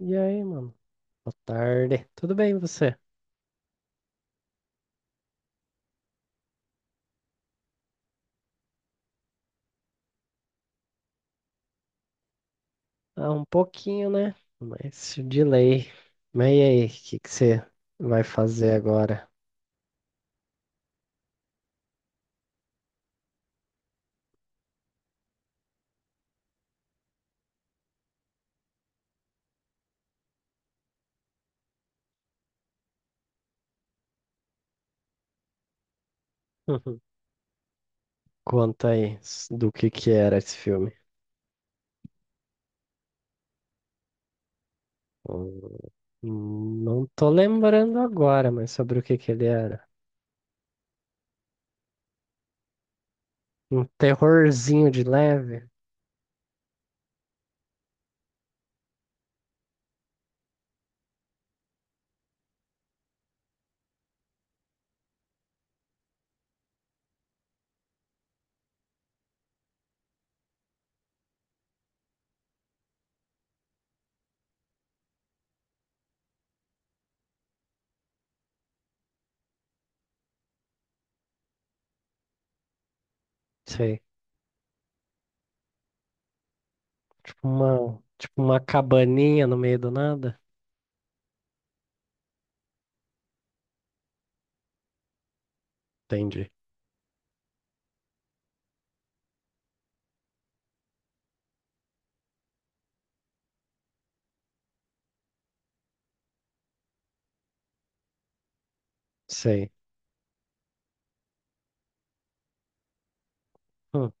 E aí, mano? Boa tarde. Tudo bem, e você? Ah, um pouquinho, né? Mas de lei. Mas e aí, o que que você vai fazer agora? Conta aí do que era esse filme. Hum, Não tô lembrando agora, mas sobre o que que ele era. Um terrorzinho de leve? Sei. Tipo uma cabaninha no meio do nada? Entendi. Sei. Hum,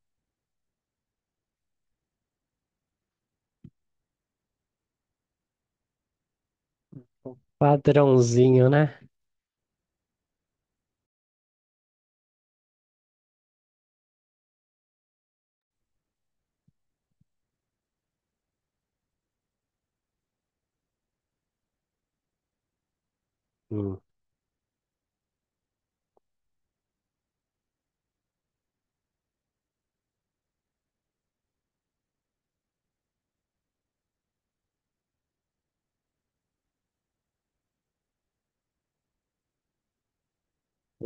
Padrãozinho, né? Hum.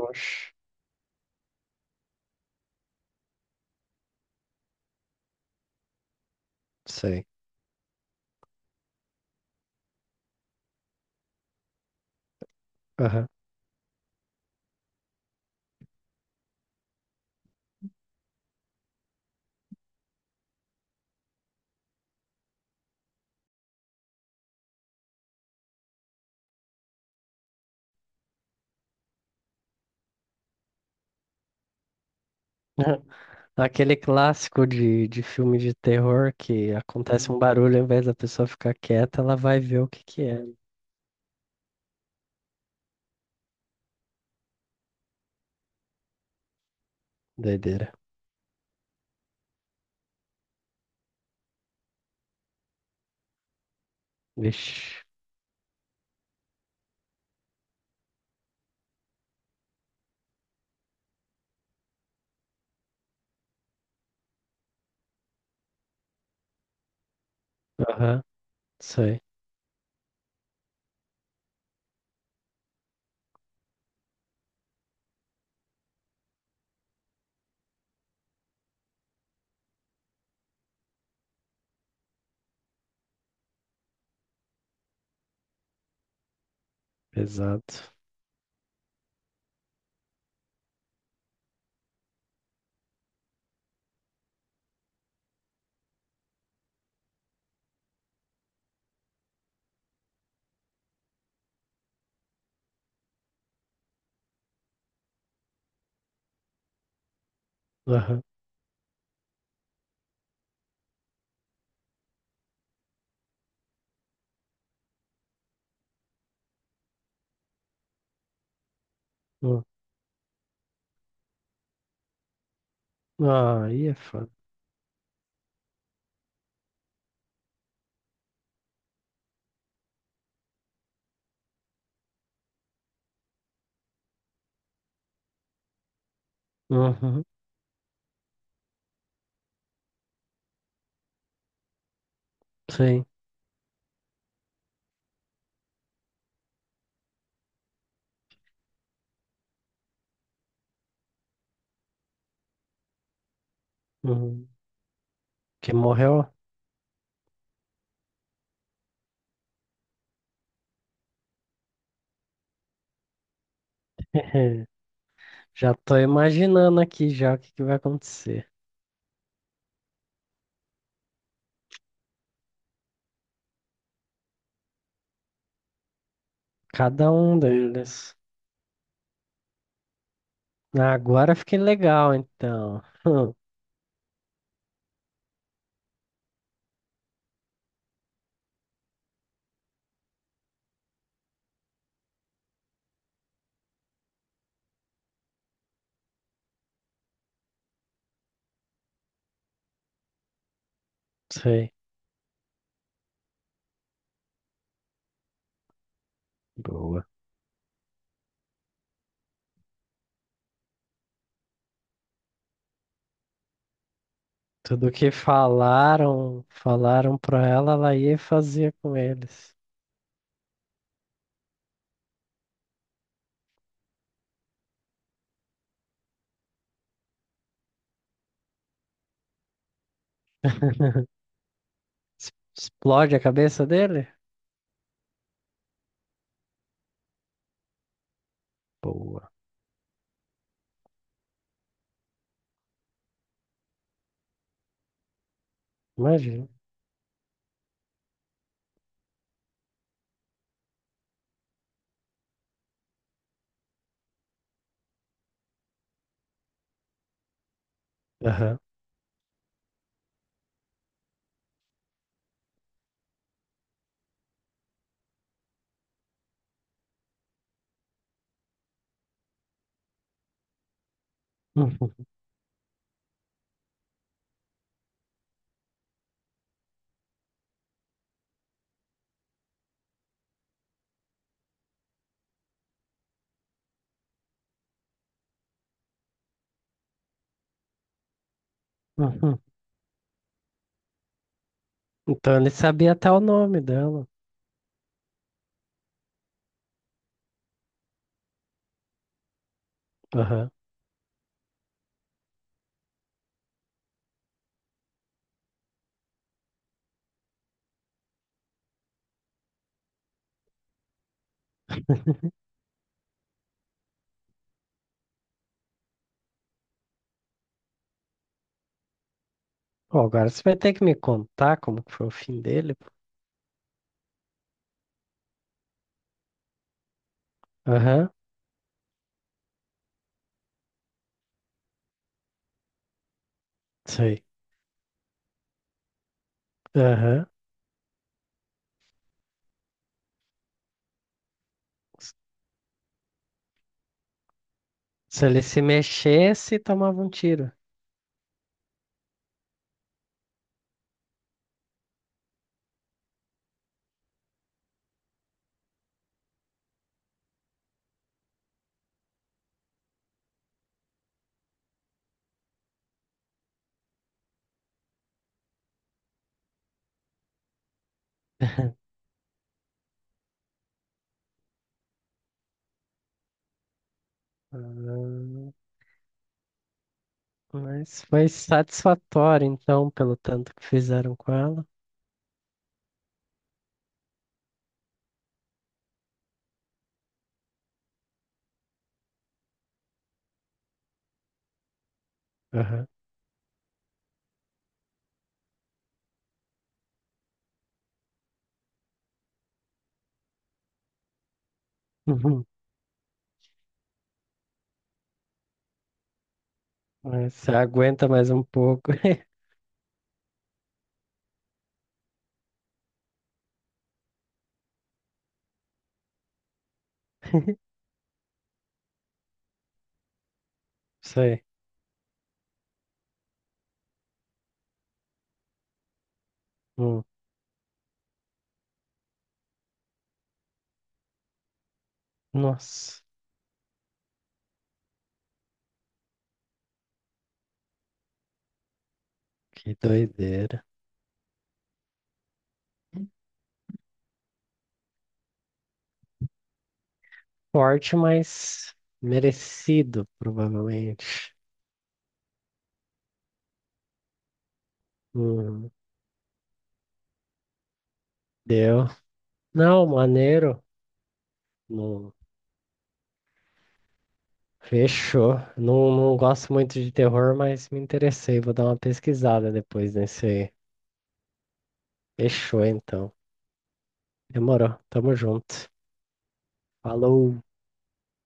Oxe. Sei. Aquele clássico de filme de terror que acontece um barulho, ao invés da pessoa ficar quieta, ela vai ver o que que é. Doideira. Vixe. Aham. Sei. Pesado. Aham. Hum. Ah, aí é foda. Uhum. Sim. Uhum. Que morreu? Já tô imaginando aqui já o que que vai acontecer. Cada um deles. Ah, agora fiquei legal, então. Hum. Sei. Boa. Tudo que falaram, falaram pra ela, ela ia e fazia com eles. Explode a cabeça dele? Boa, imagina. Aham. Uhum, uhum. Então ele sabia até o nome dela. Aham. Pô, agora você vai ter que me contar como que foi o fim dele, pô. Aham, sei. Aham. S- Se ele se mexesse, tomava um tiro. Ah, mas foi satisfatório, então, pelo tanto que fizeram com ela. Aham. Uhum. É, você aguenta mais um pouco. Sei. Hum. Nossa, que doideira. Forte, mas merecido, provavelmente. Hum. Deu. Não, maneiro. Não. Fechou. Não, não gosto muito de terror, mas me interessei. Vou dar uma pesquisada depois nesse aí. Fechou, então. Demorou. Tamo junto. Falou.